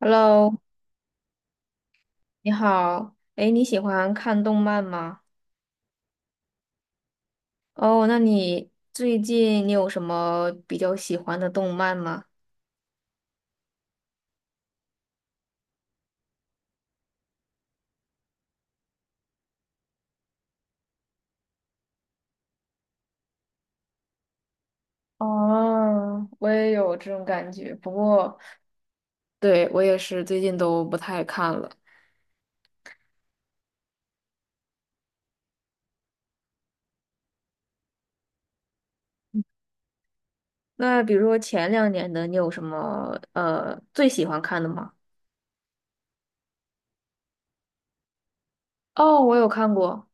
Hello，你好。哎，你喜欢看动漫吗？哦，那你最近有什么比较喜欢的动漫吗？哦，我也有这种感觉，不过对，我也是最近都不太看了。那比如说前2年的，你有什么最喜欢看的吗？哦，我有看过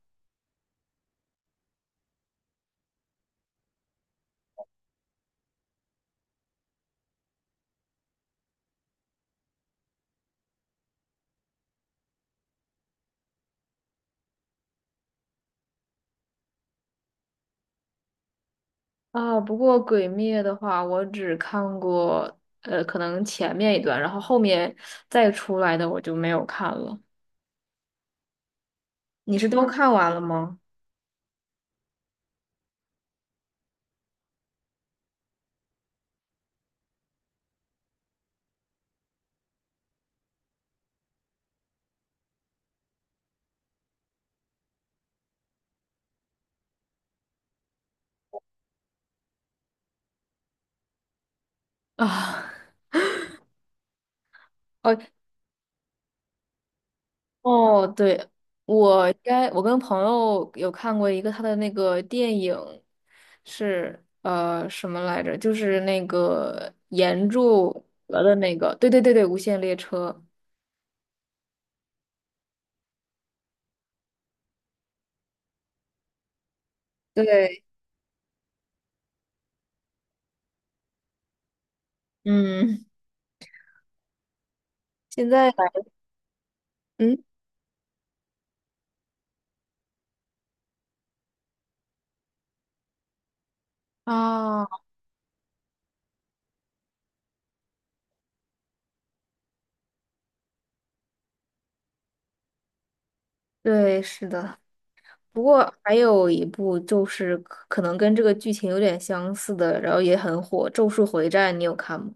啊，不过《鬼灭》的话，我只看过可能前面一段，然后后面再出来的我就没有看了。你是都看完了吗？啊，哦哦，对，我应该我跟朋友有看过一个他的那个电影，是什么来着？就是那个岩柱和的那个，对对对对，《无限列车》。对，嗯，现在 来嗯啊，对，是的。不过还有一部就是可能跟这个剧情有点相似的，然后也很火，《咒术回战》，你有看吗？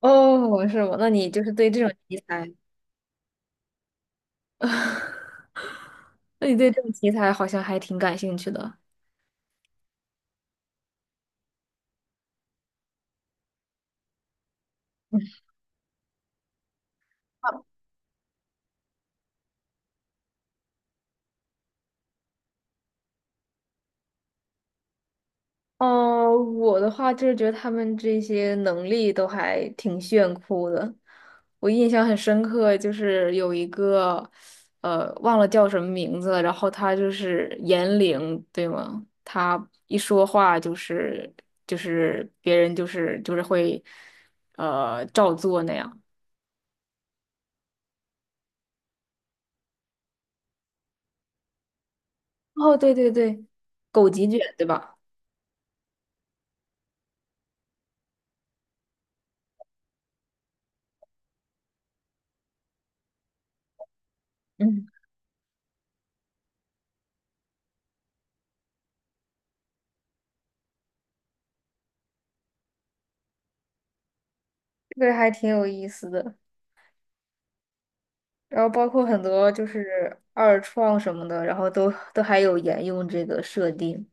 哦，是吗？那你就是对这种题材。那你对这种题材好像还挺感兴趣的。哦，我的话就是觉得他们这些能力都还挺炫酷的。我印象很深刻，就是有一个，忘了叫什么名字了，然后他就是言灵，对吗？他一说话就是别人就是会，照做那样。哦，对对对，狗急卷，对吧？嗯，这个还挺有意思的。然后包括很多就是二创什么的，然后都还有沿用这个设定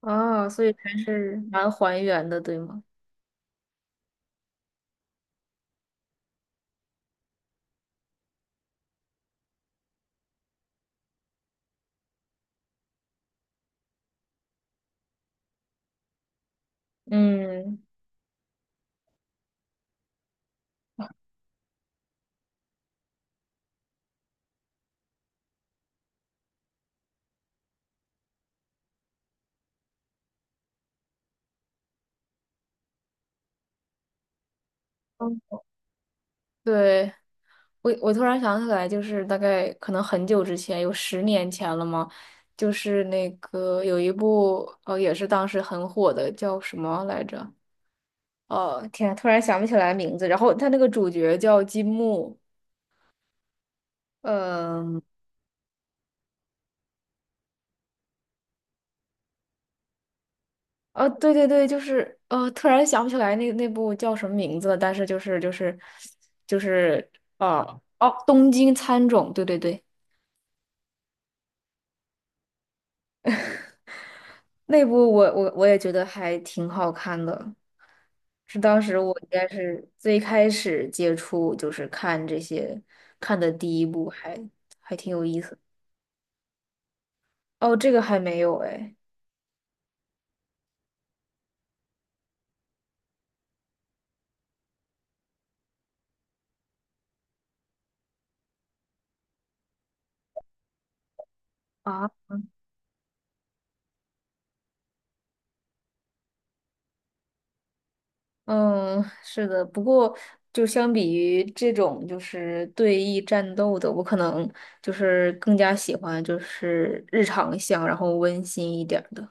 啊，所以还是蛮还原的，对吗？嗯，嗯对，我突然想起来，就是大概可能很久之前，有10年前了嘛，就是那个有一部哦，也是当时很火的，叫什么来着？哦，天，突然想不起来名字。然后他那个主角叫金木，嗯。对对对，就是突然想不起来那部叫什么名字了，但是就是呃哦，东京喰种，对对对，那部我也觉得还挺好看的，是当时我应该是最开始接触就是看这些看的第一部还挺有意思。哦，这个还没有哎。嗯，是的，不过就相比于这种就是对弈战斗的，我可能就是更加喜欢就是日常向，然后温馨一点儿的。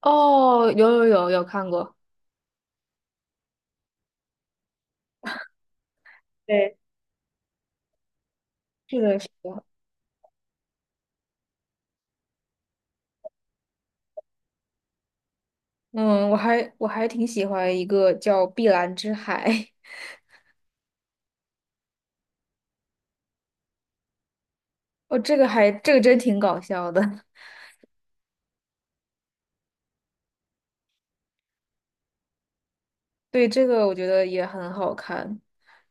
哦，有看过，对，是的，是的。嗯，我还挺喜欢一个叫《碧蓝之海》，哦，这个还这个真挺搞笑的，对，这个我觉得也很好看。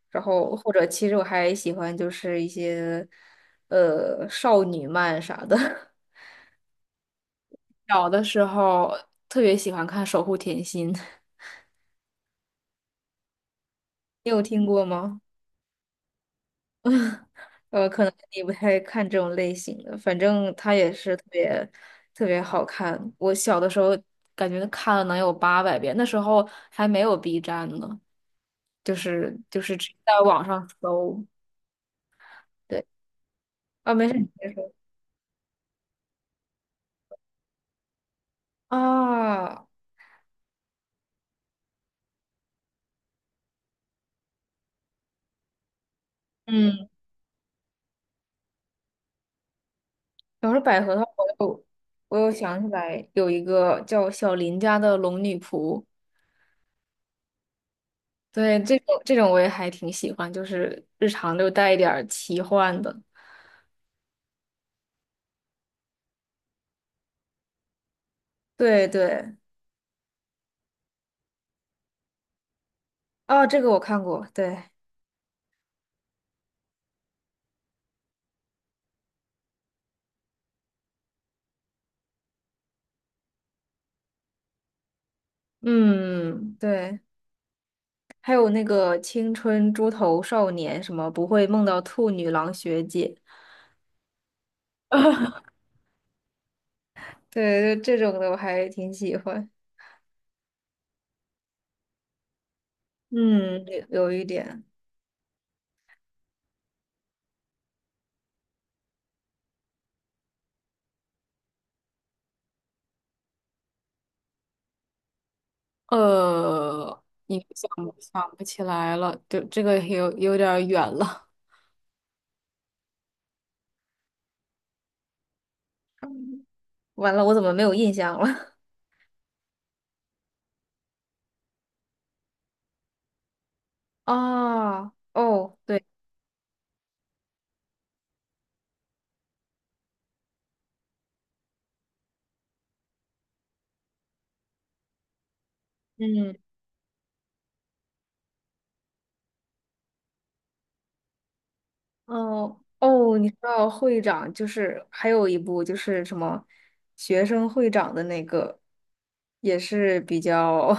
然后或者其实我还喜欢就是一些少女漫啥的。小的时候特别喜欢看《守护甜心》，你有听过吗？可能你不太看这种类型的，反正它也是特别特别好看。我小的时候感觉看了能有800遍，那时候还没有 B 站呢，就是只在网上搜。对，啊，没事，你别说啊。嗯，要是百合的话，我有我有想起来有一个叫小林家的龙女仆。对，这种我也还挺喜欢，就是日常就带一点儿奇幻的。对对，哦，这个我看过，对，嗯，对，还有那个《青春猪头少年》，什么不会梦到兔女郎学姐，对，就这种的我还挺喜欢。嗯，有一点，呃，你想不起来了？就这个有点儿远了。完了，我怎么没有印象了？哦哦，对，嗯。哦哦，你知道会长就是还有一部就是什么学生会长的那个，也是比较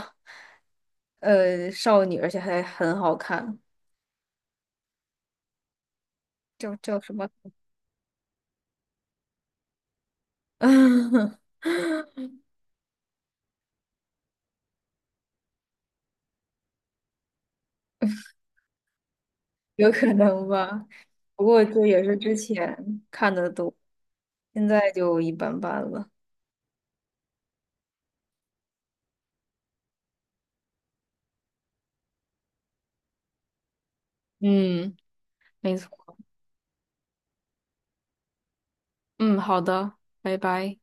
少女，而且还很好看，叫什么？有可能吧，不过这也是之前看的多，现在就一般般了。嗯，没错。嗯，好的，拜拜。